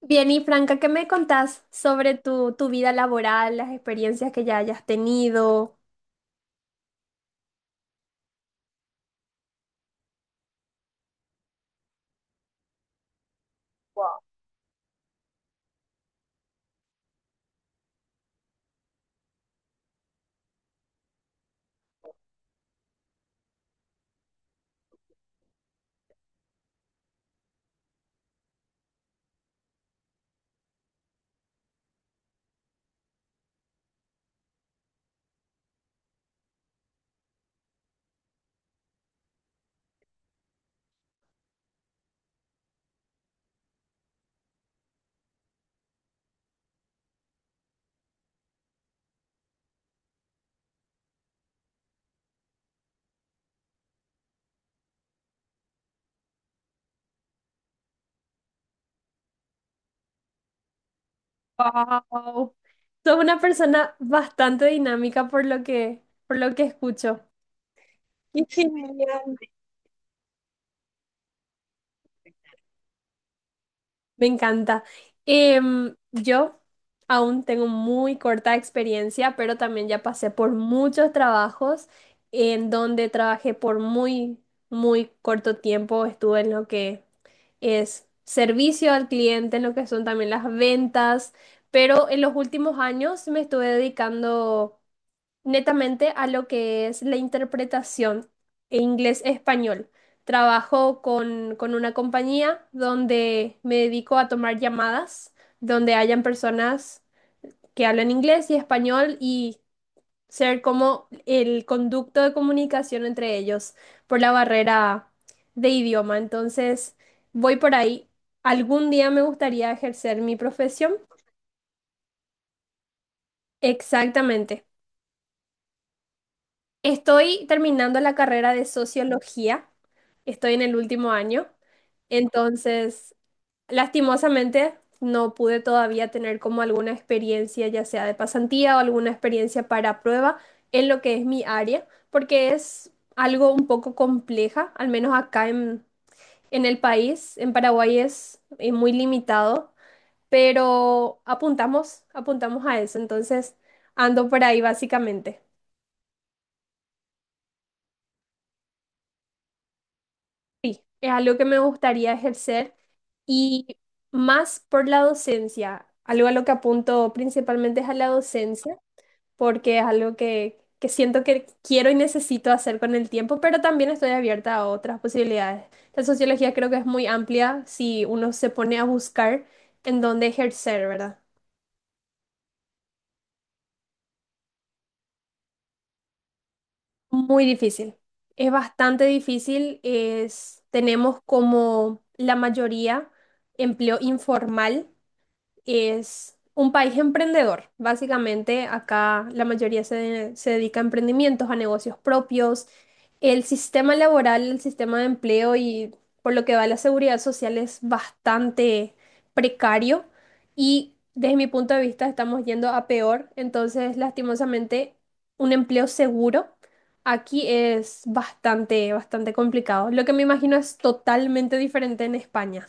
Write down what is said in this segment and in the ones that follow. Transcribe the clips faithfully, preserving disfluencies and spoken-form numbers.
Bien, y Franca, ¿qué me contás sobre tu, tu vida laboral, las experiencias que ya hayas tenido? Wow. Sos una persona bastante dinámica por lo que, por lo que escucho. Qué genial. Me encanta. Em, yo aún tengo muy corta experiencia, pero también ya pasé por muchos trabajos en donde trabajé por muy, muy corto tiempo. Estuve en lo que es servicio al cliente, en lo que son también las ventas, pero en los últimos años me estuve dedicando netamente a lo que es la interpretación en inglés-español. Trabajo con, con una compañía donde me dedico a tomar llamadas, donde hayan personas que hablan inglés y español y ser como el conducto de comunicación entre ellos por la barrera de idioma. Entonces, voy por ahí. Algún día me gustaría ejercer mi profesión. Exactamente. Estoy terminando la carrera de sociología. Estoy en el último año, entonces lastimosamente no pude todavía tener como alguna experiencia, ya sea de pasantía o alguna experiencia para prueba en lo que es mi área, porque es algo un poco compleja, al menos acá en, en el país, en Paraguay es, eh, muy limitado, pero apuntamos, apuntamos a eso, entonces ando por ahí básicamente. Sí, es algo que me gustaría ejercer. Y más por la docencia, algo a lo que apunto principalmente es a la docencia, porque es algo que, que siento que quiero y necesito hacer con el tiempo, pero también estoy abierta a otras posibilidades. La sociología creo que es muy amplia si uno se pone a buscar en dónde ejercer, ¿verdad? Muy difícil. Es bastante difícil. Es, tenemos como la mayoría empleo informal, es un país emprendedor. Básicamente, acá la mayoría se, se dedica a emprendimientos, a negocios propios. El sistema laboral, el sistema de empleo y por lo que va la seguridad social es bastante precario y desde mi punto de vista estamos yendo a peor. Entonces, lastimosamente, un empleo seguro. Aquí es bastante, bastante complicado. Lo que me imagino es totalmente diferente en España.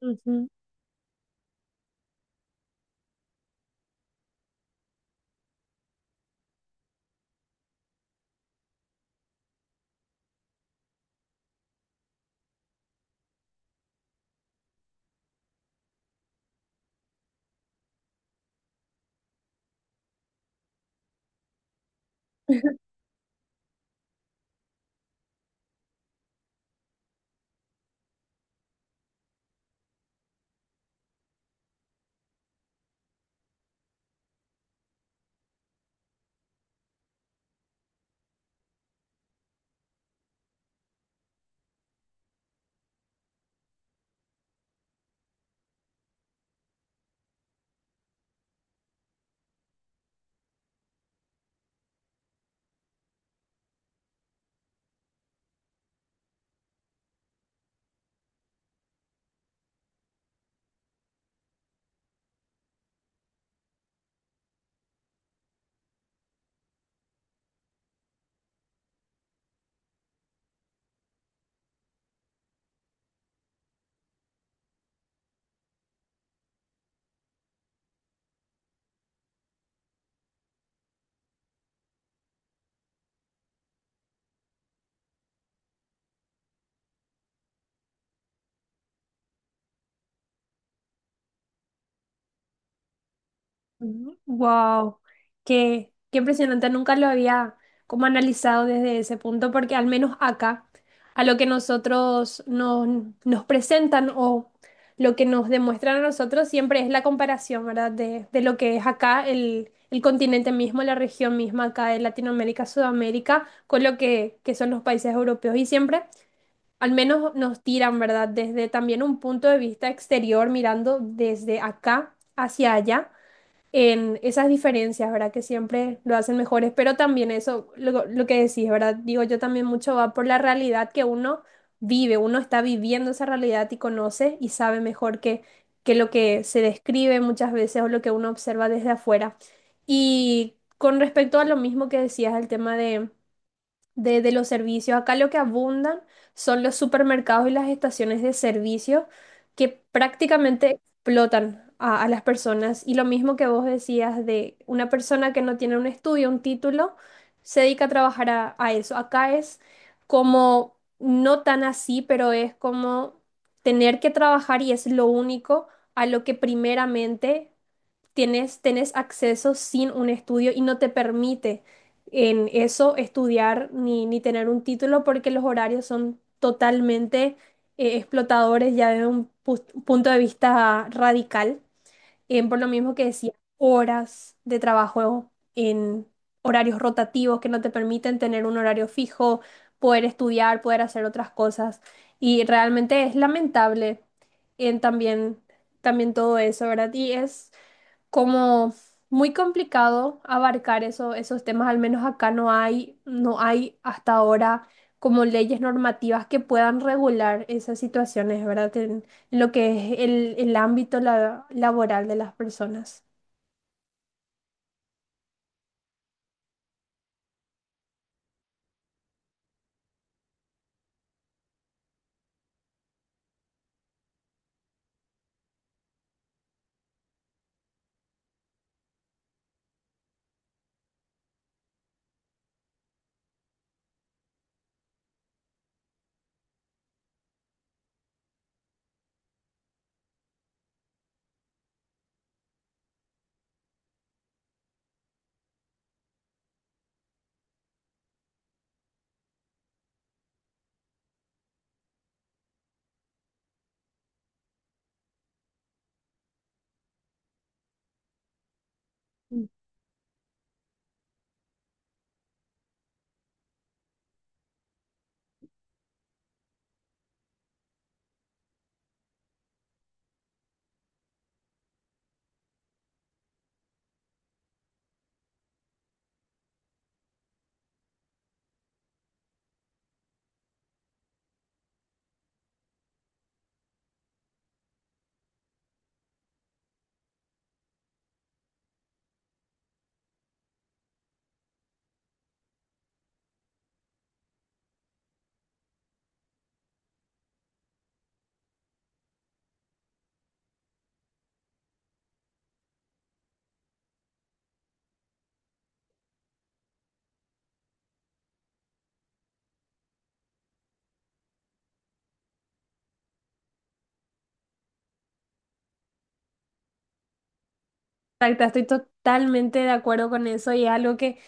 Ujú. Wow, qué, qué impresionante. Nunca lo había como analizado desde ese punto, porque al menos acá, a lo que nosotros nos, nos presentan o lo que nos demuestran a nosotros siempre es la comparación, ¿verdad? De, de lo que es acá el, el continente mismo, la región misma acá de Latinoamérica, Sudamérica, con lo que, que son los países europeos. Y siempre, al menos nos tiran, ¿verdad? Desde también un punto de vista exterior, mirando desde acá hacia allá en esas diferencias, ¿verdad? Que siempre lo hacen mejores, pero también eso, lo, lo que decís, ¿verdad? Digo, yo también mucho va por la realidad que uno vive, uno está viviendo esa realidad y conoce y sabe mejor que, que lo que se describe muchas veces o lo que uno observa desde afuera. Y con respecto a lo mismo que decías, el tema de de, de los servicios. Acá lo que abundan son los supermercados y las estaciones de servicio que prácticamente explotan a, a las personas. Y lo mismo que vos decías de una persona que no tiene un estudio, un título, se dedica a trabajar a, a eso. Acá es como, no tan así, pero es como tener que trabajar y es lo único a lo que primeramente tienes, tienes acceso sin un estudio y no te permite en eso estudiar ni, ni tener un título porque los horarios son totalmente eh, explotadores ya desde un pu- punto de vista radical, em, por lo mismo que decía, horas de trabajo en horarios rotativos que no te permiten tener un horario fijo, poder estudiar, poder hacer otras cosas. Y realmente es lamentable en también, también todo eso, ¿verdad? Y es como muy complicado abarcar eso, esos temas, al menos acá no hay, no hay hasta ahora como leyes normativas que puedan regular esas situaciones, ¿verdad? En lo que es el, el ámbito la- laboral de las personas. Exacto, estoy totalmente de acuerdo con eso y es algo que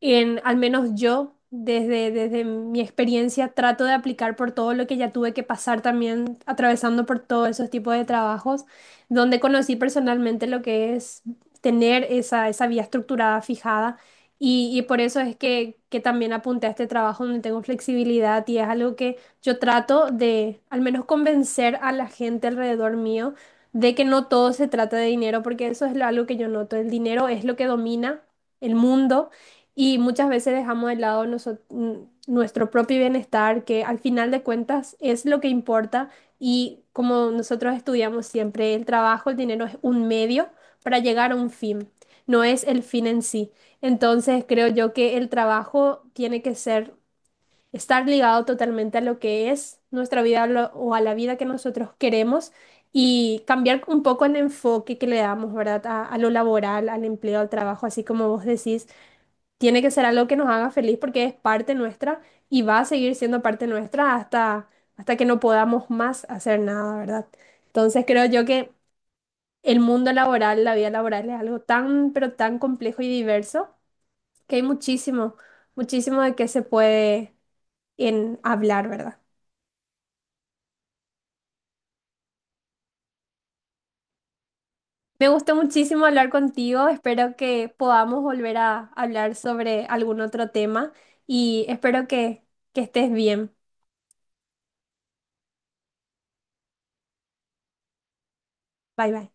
en, al menos yo, desde, desde mi experiencia, trato de aplicar por todo lo que ya tuve que pasar también, atravesando por todos esos tipos de trabajos, donde conocí personalmente lo que es tener esa, esa vía estructurada fijada. Y, y por eso es que, que también apunté a este trabajo donde tengo flexibilidad y es algo que yo trato de al menos convencer a la gente alrededor mío de que no todo se trata de dinero, porque eso es lo- algo que yo noto. El dinero es lo que domina el mundo y muchas veces dejamos de lado noso- n- nuestro propio bienestar, que al final de cuentas es lo que importa. Y como nosotros estudiamos siempre, el trabajo, el dinero es un medio para llegar a un fin, no es el fin en sí. Entonces creo yo que el trabajo tiene que ser, estar ligado totalmente a lo que es nuestra vida lo- o a la vida que nosotros queremos y cambiar un poco el enfoque que le damos, ¿verdad? A, a lo laboral, al empleo, al trabajo, así como vos decís. Tiene que ser algo que nos haga feliz porque es parte nuestra y va a seguir siendo parte nuestra hasta, hasta que no podamos más hacer nada, ¿verdad? Entonces creo yo que el mundo laboral, la vida laboral es algo tan, pero tan complejo y diverso que hay muchísimo, muchísimo de qué se puede en hablar, ¿verdad? Me gustó muchísimo hablar contigo, espero que podamos volver a hablar sobre algún otro tema y espero que, que estés bien. Bye bye.